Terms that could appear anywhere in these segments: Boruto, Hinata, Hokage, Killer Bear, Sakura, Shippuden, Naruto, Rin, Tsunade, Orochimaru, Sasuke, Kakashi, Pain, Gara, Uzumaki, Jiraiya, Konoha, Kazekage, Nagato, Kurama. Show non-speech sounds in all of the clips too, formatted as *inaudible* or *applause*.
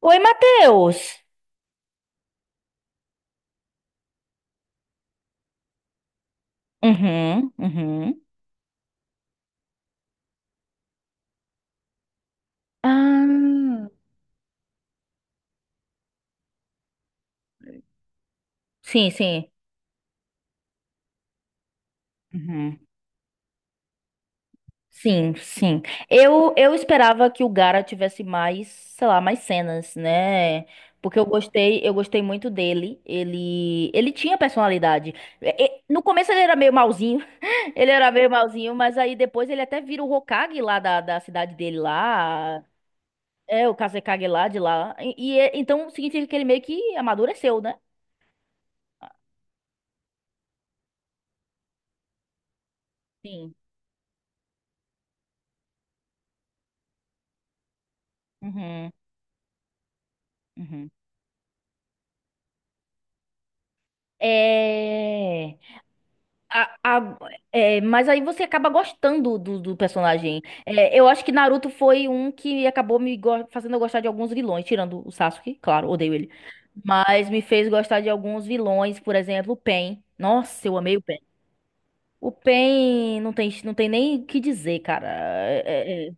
Oi, Matheus. Uhum, uhum. Ah, sim, sim. Uhum. Sim, sim. Eu esperava que o Gara tivesse mais, sei lá, mais cenas, né? Porque eu gostei muito dele. Ele tinha personalidade. No começo ele era meio malzinho, *laughs* ele era meio malzinho, mas aí depois ele até vira o Hokage lá da cidade dele lá. É, o Kazekage lá de lá. E, então significa que ele meio que amadureceu, né? Sim. Uhum, uhum. É, a- a- É, mas aí você acaba gostando do personagem. É, eu acho que Naruto foi um que acabou fazendo eu gostar de alguns vilões, tirando o Sasuke, claro, odeio ele. Mas me fez gostar de alguns vilões, por exemplo, o Pain. Nossa, eu amei o Pain. O Pain não tem nem o que dizer, cara. É, é, é.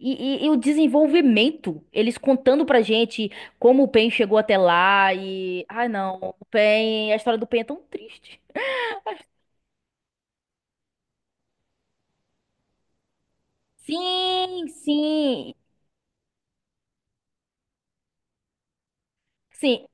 E, e o desenvolvimento, eles contando pra gente como o Pain chegou até lá e... Ai, não, o Pain, a história do Pain é tão triste. Sim, sim, sim.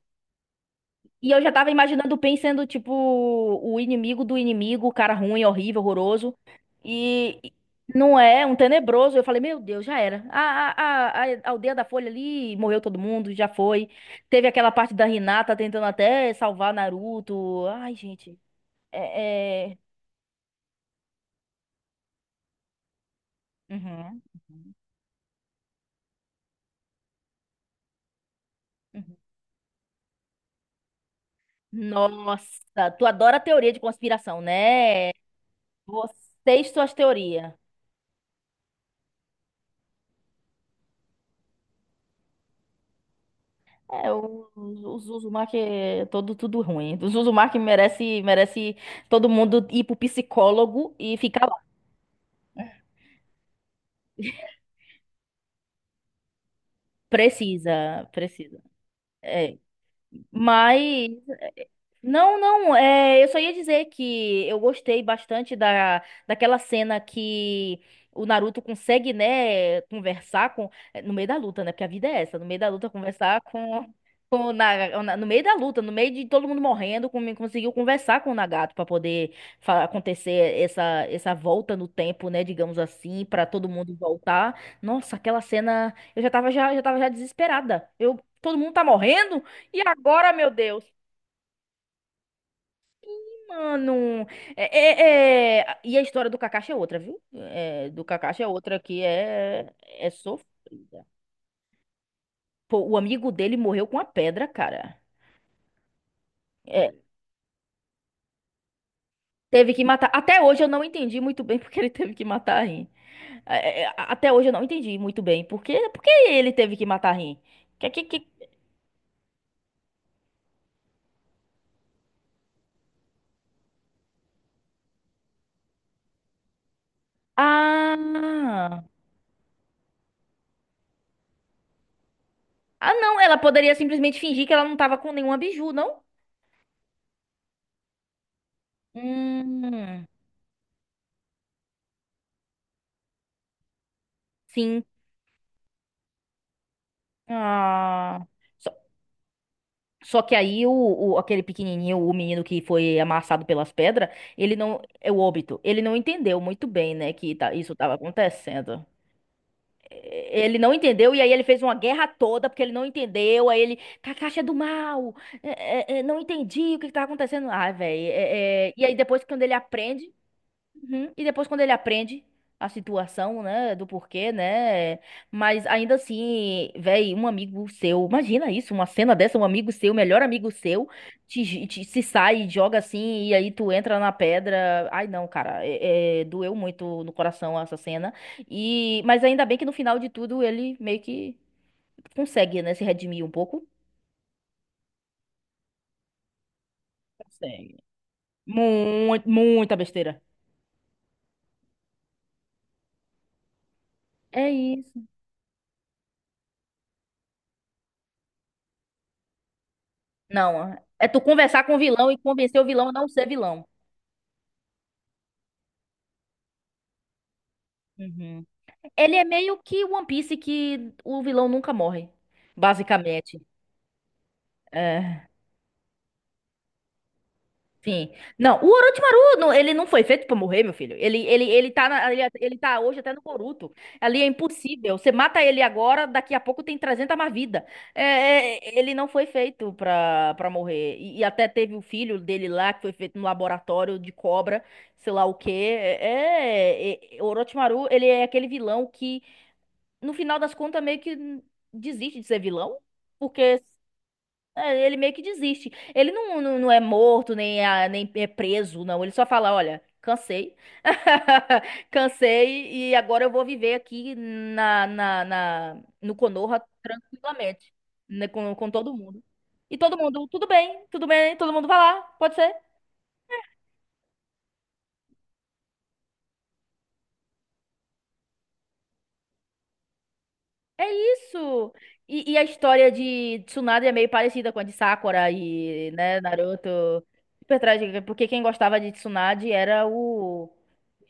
E eu já tava imaginando o Pain sendo, tipo, o inimigo do inimigo, o cara ruim, horrível, horroroso. E não é, um tenebroso. Eu falei, meu Deus, já era. A aldeia da Folha ali morreu todo mundo, já foi. Teve aquela parte da Hinata tentando até salvar Naruto. Ai, gente. É, é... Uhum, uhum, uhum. Nossa, tu adora teoria de conspiração, né? Você e suas teorias. É, o, o Zuzumaki é todo tudo ruim. O Zuzumaki merece todo mundo ir pro psicólogo e ficar lá. Precisa, precisa. É. Mas não, não, é, eu só ia dizer que eu gostei bastante daquela cena que o Naruto consegue, né, conversar com, no meio da luta, né, porque a vida é essa, no meio da luta conversar com o no meio da luta, no meio de todo mundo morrendo, conseguiu conversar com o Nagato para poder acontecer essa volta no tempo, né, digamos assim, para todo mundo voltar. Nossa, aquela cena, eu já tava já desesperada. Eu, todo mundo tá morrendo e agora, meu Deus? Mano, é, e a história do Kakashi é outra, viu? É, do Kakashi é outra que é sofrida. Pô, o amigo dele morreu com a pedra, cara. É, teve que matar. Até hoje eu não entendi muito bem *laughs* porque ele teve que matar a Rin. É, é, até hoje eu não entendi muito bem porque, porque ele teve que matar a Rin. Que... Ah! Ah, não, ela poderia simplesmente fingir que ela não tava com nenhuma biju, não? Hum, sim. Ah. Só que aí o, aquele pequenininho, o menino que foi amassado pelas pedras, ele não, é o óbito, ele não entendeu muito bem, né, que isso estava acontecendo. Ele não entendeu e aí ele fez uma guerra toda porque ele não entendeu. Aí ele, Kakashi é do mal, não entendi o que que tá acontecendo. Ai, velho. E aí depois quando ele aprende. Uhum. E depois, quando ele aprende a situação, né, do porquê, né? Mas ainda assim, véi, um amigo seu, imagina isso, uma cena dessa, um amigo seu, melhor amigo seu, te, se sai e joga assim, e aí tu entra na pedra. Ai, não, cara, é, doeu muito no coração essa cena. E, mas ainda bem que no final de tudo ele meio que consegue, né, se redimir um pouco. Consegue. Muito, muita besteira. É isso. Não, é tu conversar com o vilão e convencer o vilão a não ser vilão. Uhum. Ele é meio que One Piece que o vilão nunca morre, basicamente. É, enfim. Não, o Orochimaru, não, ele não foi feito pra morrer, meu filho. Ele ele, ele tá hoje até no Boruto. Ali é impossível. Você mata ele agora, daqui a pouco tem 300 mais vida. É, é, ele não foi feito pra, pra morrer. E até teve o filho dele lá, que foi feito no laboratório de cobra, sei lá o quê. É, é, é, Orochimaru, ele é aquele vilão que no final das contas, meio que desiste de ser vilão, porque é, ele meio que desiste. Ele não, não, não é morto, nem é, nem é preso, não. Ele só fala, olha, cansei, *laughs* cansei e agora eu vou viver aqui na, na, no Konoha tranquilamente, né, com todo mundo. E todo mundo, tudo bem, todo mundo vai lá, pode ser. É isso! E a história de Tsunade é meio parecida com a de Sakura e, né, Naruto. Super trágica, porque quem gostava de Tsunade era o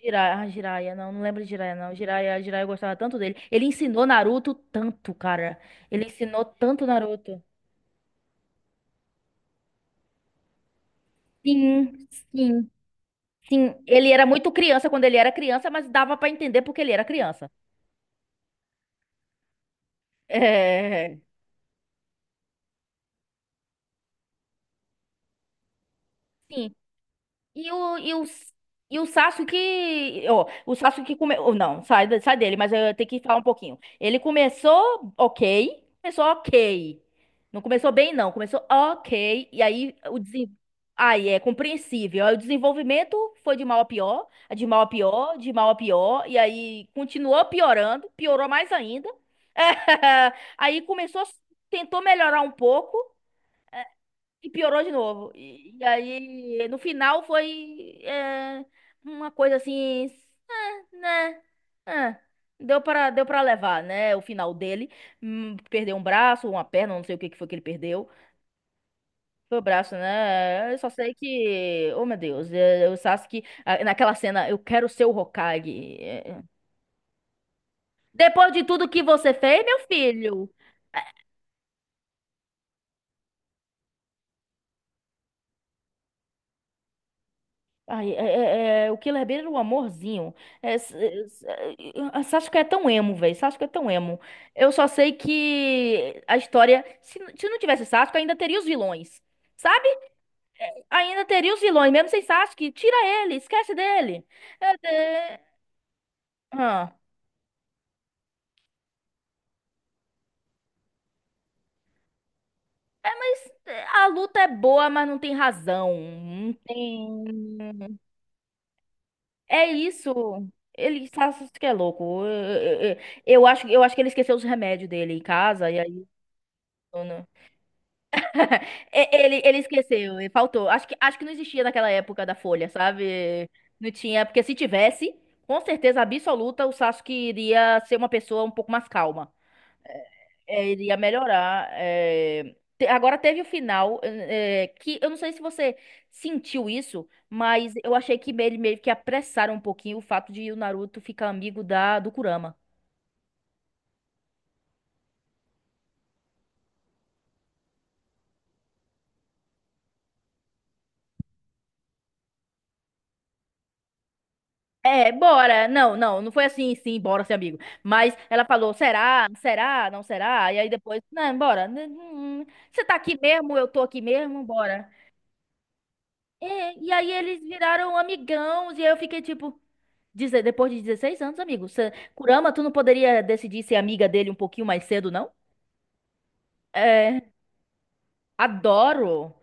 Jiraiya. Ah, Jiraiya, não, não lembro de Jiraiya, não. Jiraiya, Jiraiya eu gostava tanto dele. Ele ensinou Naruto tanto, cara. Ele ensinou tanto Naruto. Sim, sim, sim. Ele era muito criança quando ele era criança, mas dava pra entender porque ele era criança. É. Sim. E o, e o, e o Sasuke, ó, o Sasuke começou, não, sai, sai dele, mas eu tenho que falar um pouquinho. Ele começou ok, começou ok. Não começou bem, não, começou ok, e aí o desen... Aí é compreensível. Aí o desenvolvimento foi de mal a pior, de mal a pior, de mal a pior, e aí continuou piorando, piorou mais ainda. *laughs* Aí começou, tentou melhorar um pouco, e piorou de novo. E aí, no final, foi é, uma coisa assim, né? Ah, deu para levar, né? O final dele. Perdeu um braço, uma perna, não sei o que que foi que ele perdeu. Foi o braço, né? Eu só sei que. Oh, meu Deus. O Sasuke, ah, naquela cena, eu quero ser o Hokage. É, é. Depois de tudo que você fez, meu filho. Ai, é, é, o Killer Bear era um amorzinho. É, é, Sasuke é tão emo, velho. Sasuke é tão emo. Eu só sei que a história. Se, se não tivesse Sasuke, ainda teria os vilões. Sabe? Ainda teria os vilões, mesmo sem Sasuke. Tira ele, esquece dele. É, é, ah. É, mas é, a luta é boa, mas não tem razão. Não tem. É isso. Ele, Sasuke é louco. Eu acho, eu acho que ele esqueceu os remédios dele em casa, e aí. *laughs* E, ele esqueceu, ele faltou. Acho que não existia naquela época da Folha, sabe? Não tinha, porque se tivesse, com certeza absoluta, o Sasuke iria ser uma pessoa um pouco mais calma. É, ele melhorar. É. Agora teve o final, é, é, que eu não sei se você sentiu isso, mas eu achei que ele meio que apressaram um pouquinho o fato de o Naruto ficar amigo da, do Kurama. É, bora. Não, não, não foi assim, sim, bora ser amigo. Mas ela falou, será? Será? Não será? E aí depois, não, bora. Você tá aqui mesmo? Eu tô aqui mesmo? Bora. É, e aí eles viraram amigãos e eu fiquei tipo, depois de 16 anos, amigo, você, Kurama, tu não poderia decidir ser amiga dele um pouquinho mais cedo, não? É, adoro.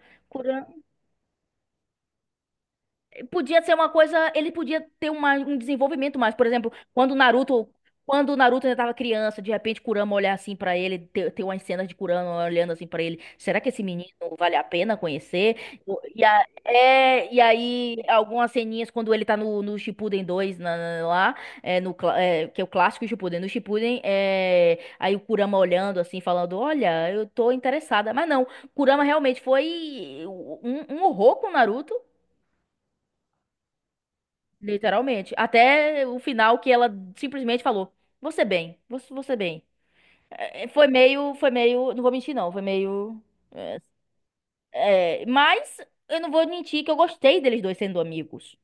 Podia ser uma coisa, ele podia ter um desenvolvimento mais. Por exemplo, quando o Naruto ainda tava criança, de repente Kurama olhar assim pra ele, ter umas cenas de Kurama olhando assim pra ele, será que esse menino vale a pena conhecer? E, e aí algumas ceninhas quando ele tá no, no Shippuden 2 lá, é, no, é, que é o clássico Shippuden, no Shippuden, é, aí o Kurama olhando assim, falando, olha, eu tô interessada, mas não, Kurama realmente foi um, um horror com o Naruto. Literalmente. Até o final que ela simplesmente falou: "Você bem, você, você bem". É, foi meio, foi meio, não vou mentir não, foi meio é, é, mas eu não vou mentir que eu gostei deles dois sendo amigos.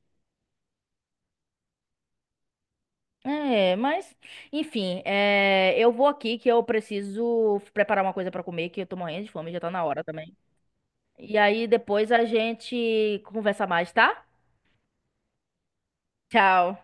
É, mas enfim, é, eu vou aqui que eu preciso preparar uma coisa pra comer, que eu tô morrendo de fome, já tá na hora também. E aí depois a gente conversa mais, tá? Tchau.